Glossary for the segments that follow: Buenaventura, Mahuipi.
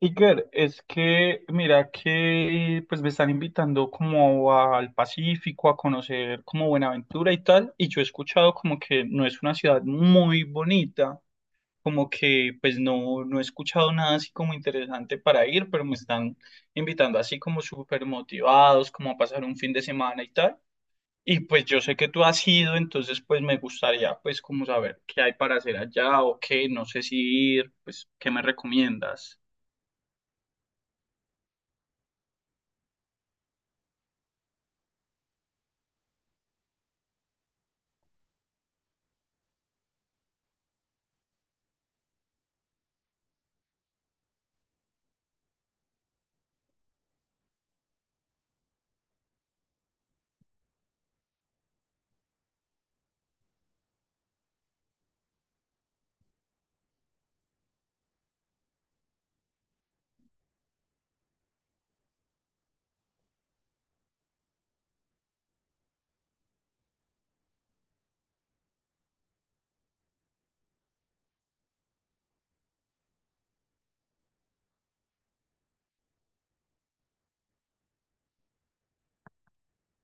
Iker, es que mira que pues me están invitando como al Pacífico a conocer como Buenaventura y tal, y yo he escuchado como que no es una ciudad muy bonita, como que pues no, no he escuchado nada así como interesante para ir, pero me están invitando así como súper motivados, como a pasar un fin de semana y tal. Y pues yo sé que tú has ido, entonces pues me gustaría pues como saber qué hay para hacer allá o qué, no sé si ir, pues qué me recomiendas.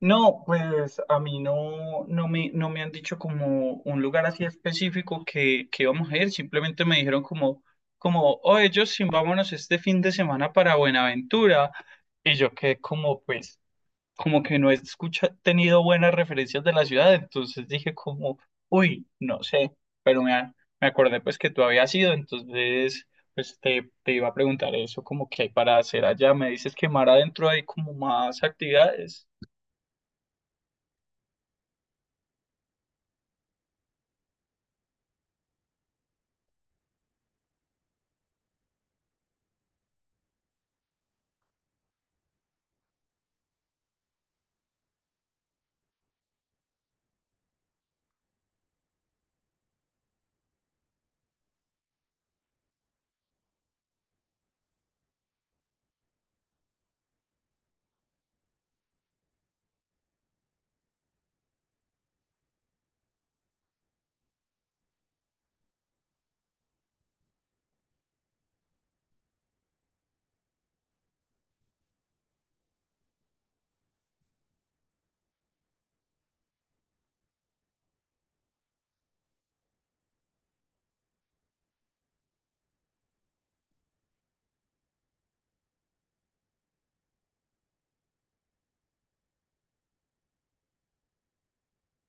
No, pues a mí no, no me han dicho como un lugar así específico que íbamos a ir, simplemente me dijeron como, oye, Justin, vámonos este fin de semana para Buenaventura. Y yo que como, pues, como que no he escucha, tenido buenas referencias de la ciudad, entonces dije como, uy, no sé, pero me acordé pues que tú habías ido, entonces pues te iba a preguntar eso, como qué hay para hacer allá, me dices que más adentro hay como más actividades.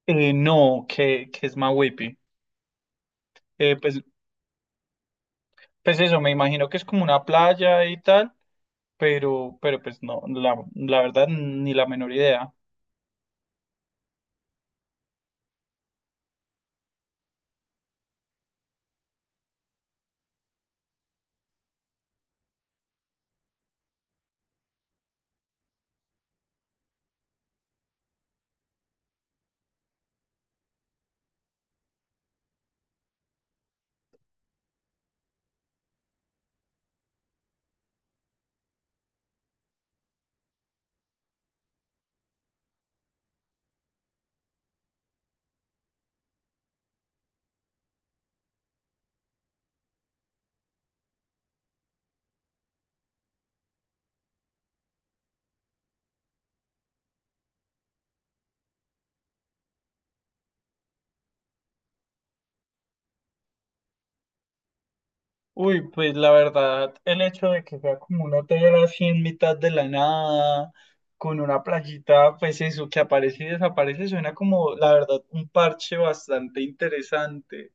No, que es Mahuipi. Eh, pues, pues eso, me imagino que es como una playa y tal, pero pues no, la verdad ni la menor idea. Uy, pues la verdad, el hecho de que sea como un hotel así en mitad de la nada, con una playita, pues eso, que aparece y desaparece, suena como, la verdad, un parche bastante interesante.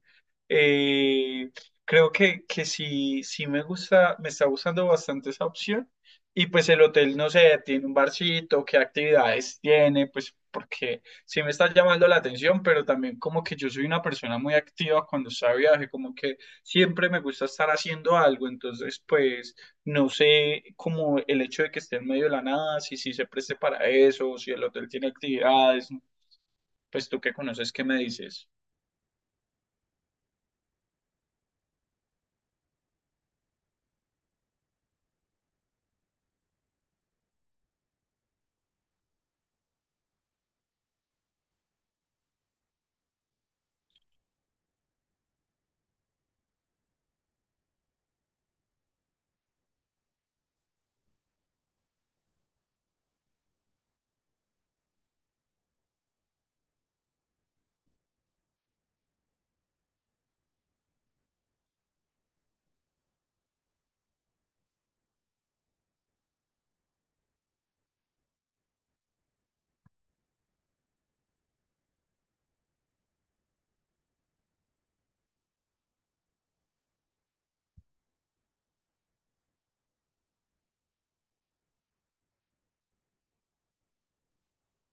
Eh, Creo que sí, sí me gusta, me está gustando bastante esa opción. Y pues el hotel, no sé, tiene un barcito, qué actividades tiene, pues porque sí me está llamando la atención, pero también como que yo soy una persona muy activa cuando está de viaje, como que siempre me gusta estar haciendo algo, entonces pues no sé como el hecho de que esté en medio de la nada, si sí se preste para eso, si el hotel tiene actividades, pues tú que conoces, ¿qué me dices?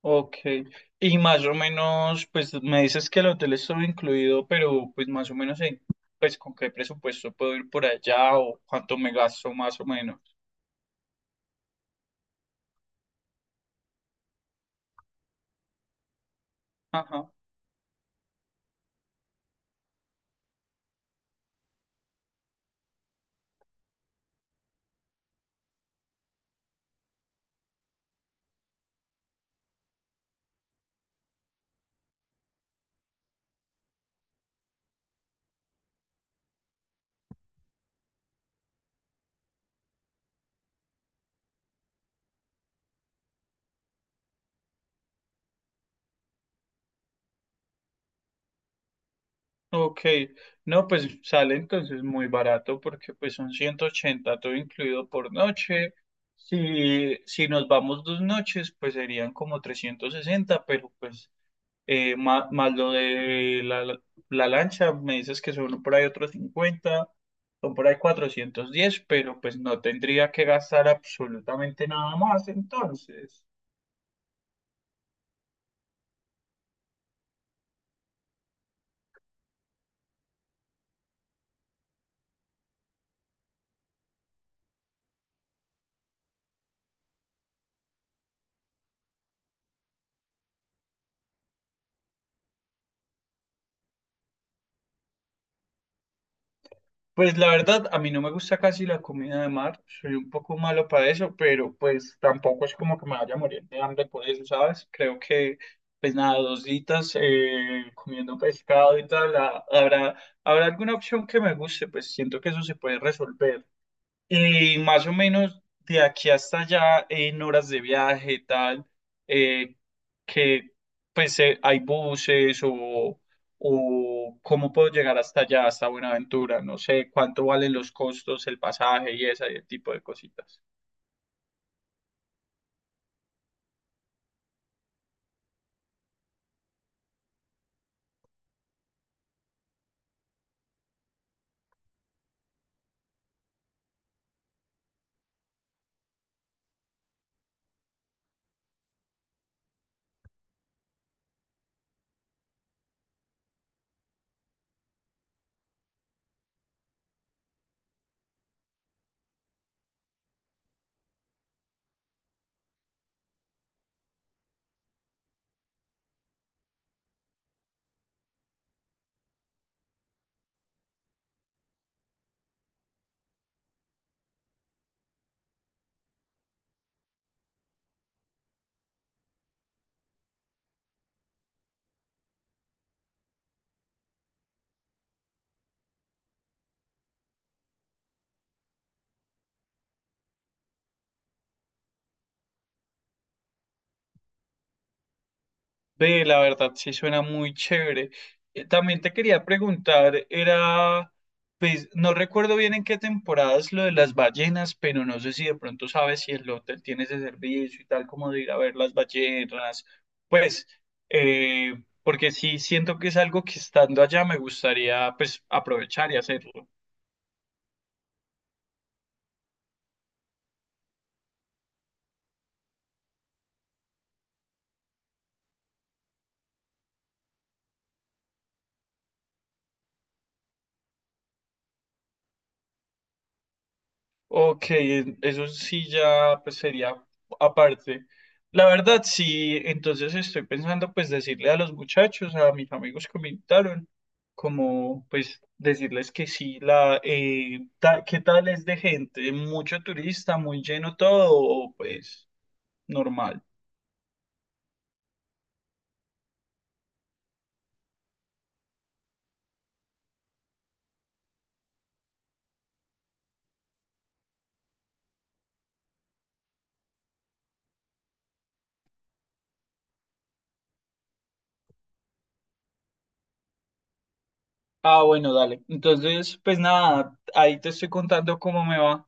Ok, y más o menos, pues me dices que el hotel es todo incluido, pero pues más o menos, pues con qué presupuesto puedo ir por allá o cuánto me gasto más o menos. Ajá, ok, no, pues sale entonces muy barato porque pues son 180 todo incluido por noche. Si, si nos vamos 2 noches, pues serían como 360, pero pues más, lo de la lancha, me dices que son por ahí otros 50, son por ahí 410, pero pues no tendría que gastar absolutamente nada más entonces. Pues la verdad, a mí no me gusta casi la comida de mar, soy un poco malo para eso, pero pues tampoco es como que me vaya a morir de hambre por eso, ¿sabes? Creo que pues nada, dos ditas comiendo pescado y tal, ah, habrá alguna opción que me guste, pues siento que eso se puede resolver. Y más o menos de aquí hasta allá en horas de viaje, tal, eh, que pues hay buses o cómo puedo llegar hasta allá, hasta Buenaventura, no sé cuánto valen los costos, el pasaje y ese tipo de cositas. Ve, la verdad, sí suena muy chévere. También te quería preguntar, era, pues, no recuerdo bien en qué temporada es lo de las ballenas, pero no sé si de pronto sabes si el hotel tiene ese servicio y tal, como de ir a ver las ballenas. Pues, eh, porque sí siento que es algo que estando allá me gustaría, pues, aprovechar y hacerlo. Ok, eso sí ya pues sería aparte. La verdad, sí, entonces estoy pensando pues decirle a los muchachos, a mis amigos que me invitaron, como pues decirles que sí, ¿qué tal es de gente? Mucho turista, muy lleno todo, o, pues normal. Ah, bueno, dale. Entonces, pues nada, ahí te estoy contando cómo me va.